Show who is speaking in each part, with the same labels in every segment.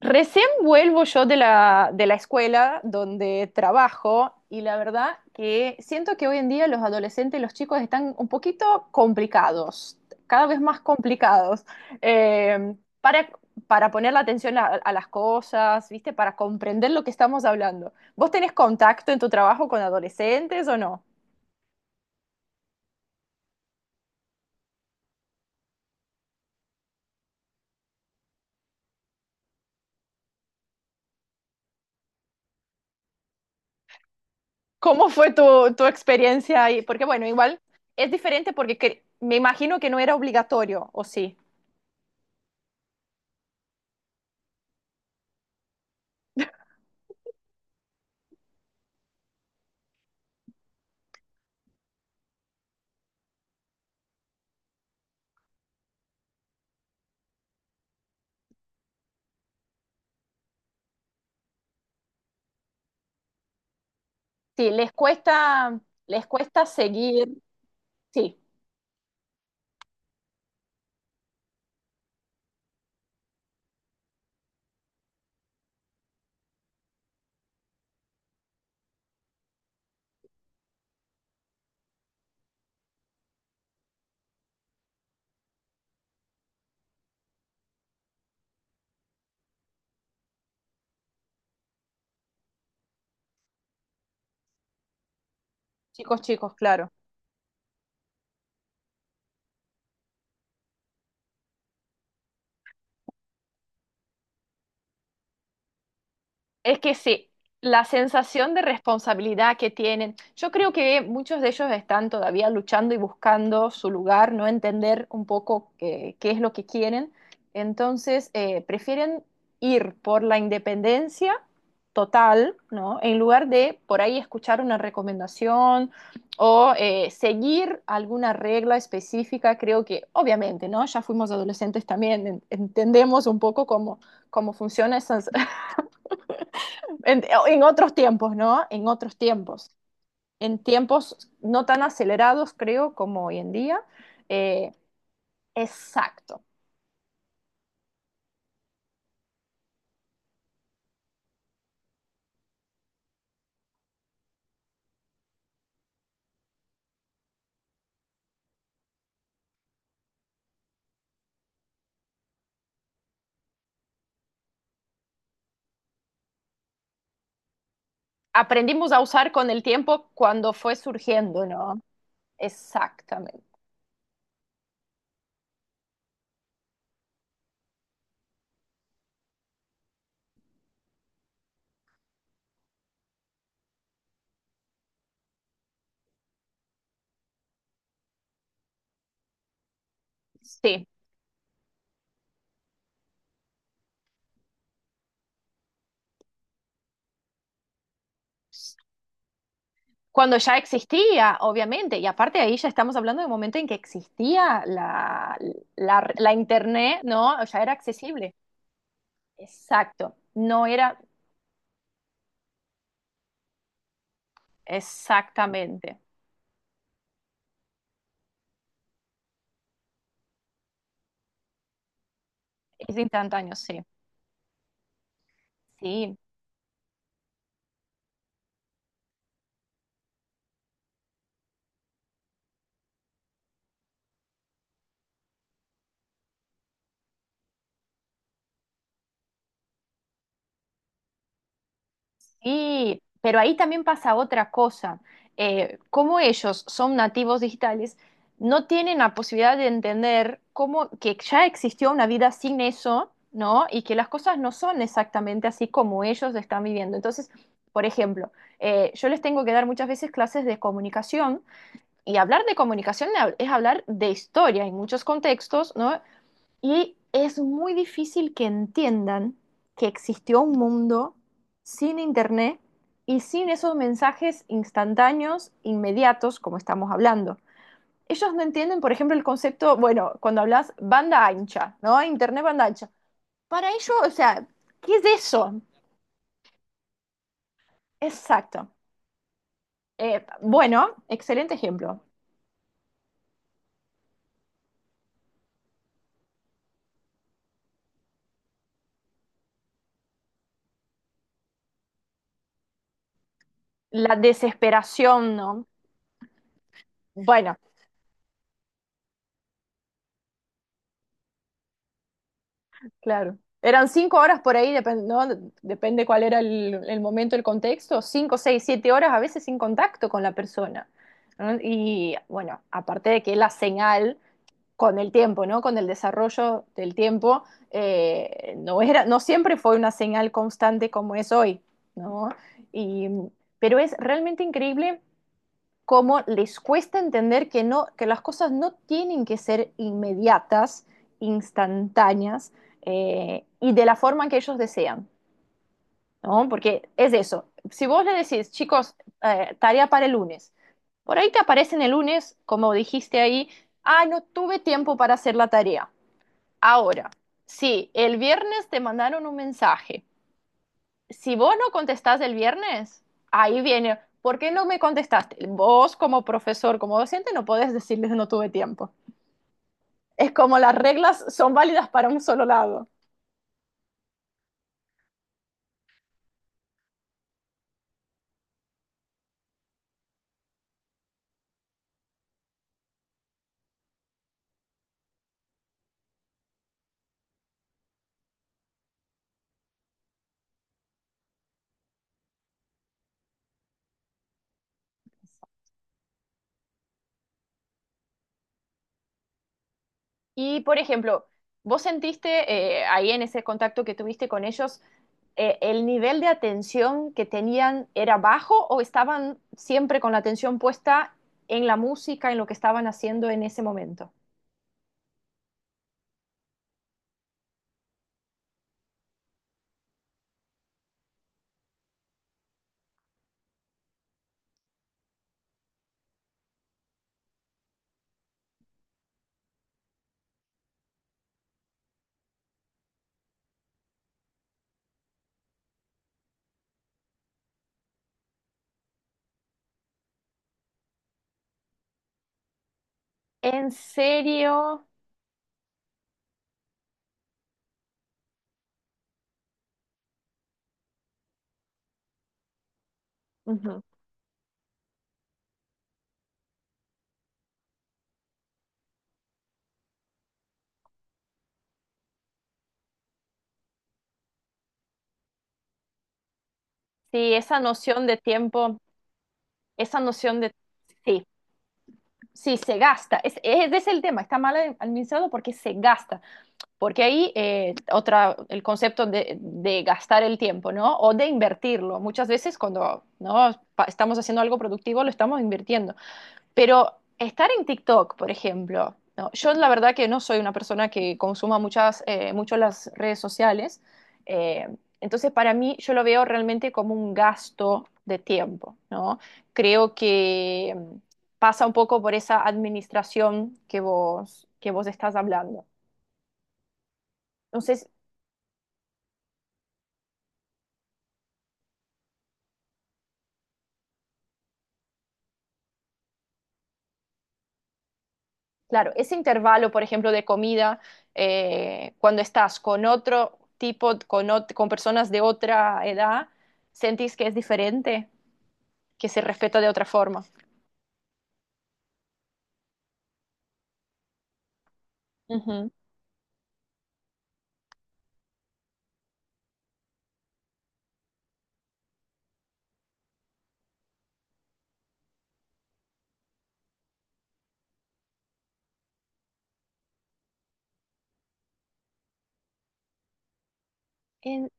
Speaker 1: Recién vuelvo yo de la escuela donde trabajo y la verdad que siento que hoy en día los adolescentes y los chicos están un poquito complicados, cada vez más complicados, eh, para, para poner la atención a las cosas, ¿viste? Para comprender lo que estamos hablando. ¿Vos tenés contacto en tu trabajo con adolescentes o no? ¿Cómo fue tu experiencia ahí? Porque bueno, igual es diferente porque me imagino que no era obligatorio, ¿o sí? Sí, les cuesta seguir, sí, chicos, chicos, claro. Es que sí, la sensación de responsabilidad que tienen, yo creo que muchos de ellos están todavía luchando y buscando su lugar, no entender un poco qué es lo que quieren. Entonces, prefieren ir por la independencia total, ¿no? En lugar de por ahí escuchar una recomendación o seguir alguna regla específica. Creo que, obviamente, ¿no? Ya fuimos adolescentes también, entendemos un poco cómo, cómo funcionan esas... en otros tiempos, ¿no? En otros tiempos. En tiempos no tan acelerados, creo, como hoy en día. Eh, exacto. Aprendimos a usar con el tiempo cuando fue surgiendo, ¿no? Exactamente. Sí. Cuando ya existía, obviamente. Y aparte ahí ya estamos hablando del momento en que existía la internet, ¿no? Ya era accesible. Exacto. No era exactamente. Es instantáneo, sí. Sí. Sí, pero ahí también pasa otra cosa. Como ellos son nativos digitales, no tienen la posibilidad de entender cómo que ya existió una vida sin eso, ¿no? Y que las cosas no son exactamente así como ellos están viviendo. Entonces, por ejemplo, yo les tengo que dar muchas veces clases de comunicación y hablar de comunicación es hablar de historia en muchos contextos, ¿no? Y es muy difícil que entiendan que existió un mundo sin internet y sin esos mensajes instantáneos, inmediatos, como estamos hablando. Ellos no entienden, por ejemplo, el concepto, bueno, cuando hablas banda ancha, ¿no? Internet banda ancha. Para ellos, o sea, ¿qué es eso? Exacto. Bueno, excelente ejemplo. La desesperación, ¿no? Bueno, claro. Eran 5 horas por ahí, depende, ¿no? Depende cuál era el momento, el contexto, 5, 6, 7 horas a veces sin contacto con la persona. ¿No? Y bueno, aparte de que la señal con el tiempo, ¿no? Con el desarrollo del tiempo, no era, no siempre fue una señal constante como es hoy, ¿no? Y, pero es realmente increíble cómo les cuesta entender que, no, que las cosas no tienen que ser inmediatas, instantáneas, y de la forma que ellos desean, ¿no? Porque es eso. Si vos le decís, chicos, tarea para el lunes, por ahí te aparecen el lunes, como dijiste ahí, ah, no tuve tiempo para hacer la tarea. Ahora, si el viernes te mandaron un mensaje, si vos no contestás el viernes, ahí viene, ¿por qué no me contestaste? Vos como profesor, como docente, no podés decirles no tuve tiempo. Es como las reglas son válidas para un solo lado. Y, por ejemplo, vos sentiste ahí en ese contacto que tuviste con ellos, ¿el nivel de atención que tenían era bajo o estaban siempre con la atención puesta en la música, en lo que estaban haciendo en ese momento? ¿En serio? Ujú. Sí, esa noción de tiempo, esa noción de sí, sí, se gasta. Ese es el tema, está mal administrado porque se gasta. Porque ahí otra, el concepto de gastar el tiempo, ¿no? O de invertirlo. Muchas veces cuando ¿no? Estamos haciendo algo productivo, lo estamos invirtiendo. Pero estar en TikTok, por ejemplo, ¿no? Yo la verdad que no soy una persona que consuma muchas, mucho las redes sociales, eh, entonces para mí yo lo veo realmente como un gasto de tiempo, ¿no? Creo que pasa un poco por esa administración que vos estás hablando. Entonces, claro, ese intervalo, por ejemplo, de comida, cuando estás con otro tipo, con, con personas de otra edad, ¿sentís que es diferente? Que se respeta de otra forma. Ujú. En-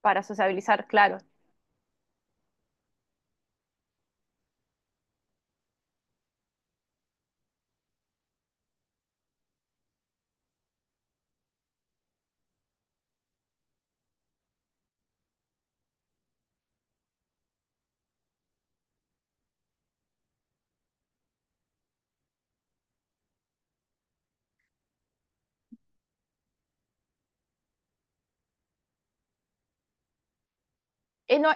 Speaker 1: para sociabilizar, claro. No,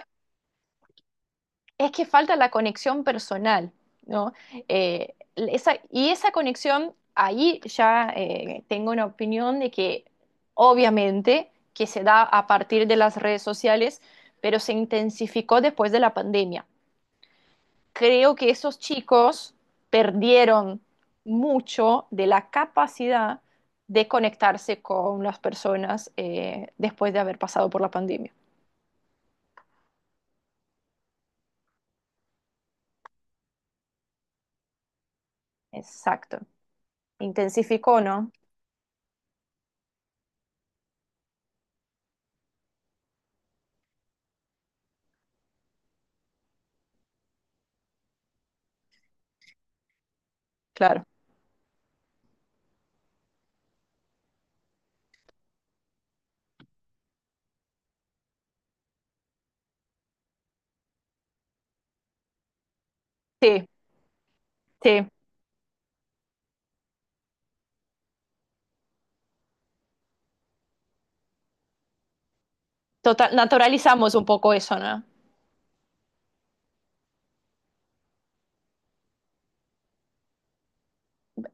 Speaker 1: es que falta la conexión personal, ¿no? Esa, y esa conexión, ahí ya tengo una opinión de que obviamente que se da a partir de las redes sociales, pero se intensificó después de la pandemia. Creo que esos chicos perdieron mucho de la capacidad de conectarse con las personas después de haber pasado por la pandemia. Exacto. Intensificó, ¿no? Claro. Sí, sí. Total, naturalizamos un poco eso, ¿no?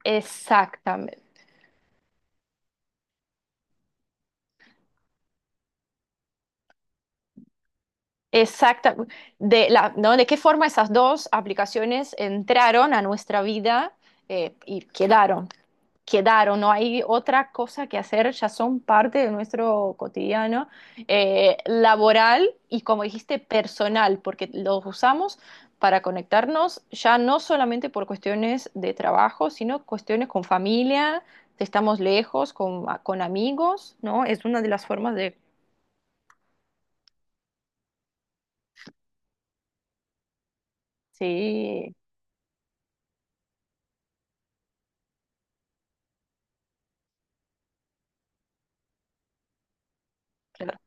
Speaker 1: Exactamente. Exacta. De, la, ¿no? ¿De qué forma esas dos aplicaciones entraron a nuestra vida y quedaron? Quedaron, no hay otra cosa que hacer, ya son parte de nuestro cotidiano laboral y como dijiste, personal, porque los usamos para conectarnos ya no solamente por cuestiones de trabajo, sino cuestiones con familia, si estamos lejos, con amigos, ¿no? Es una de las formas de... Sí, claro.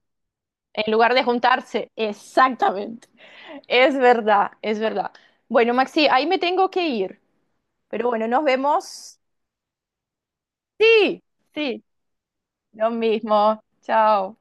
Speaker 1: En lugar de juntarse, exactamente. Es verdad, es verdad. Bueno, Maxi, ahí me tengo que ir, pero bueno, nos vemos. Sí, sí, lo mismo. Chao.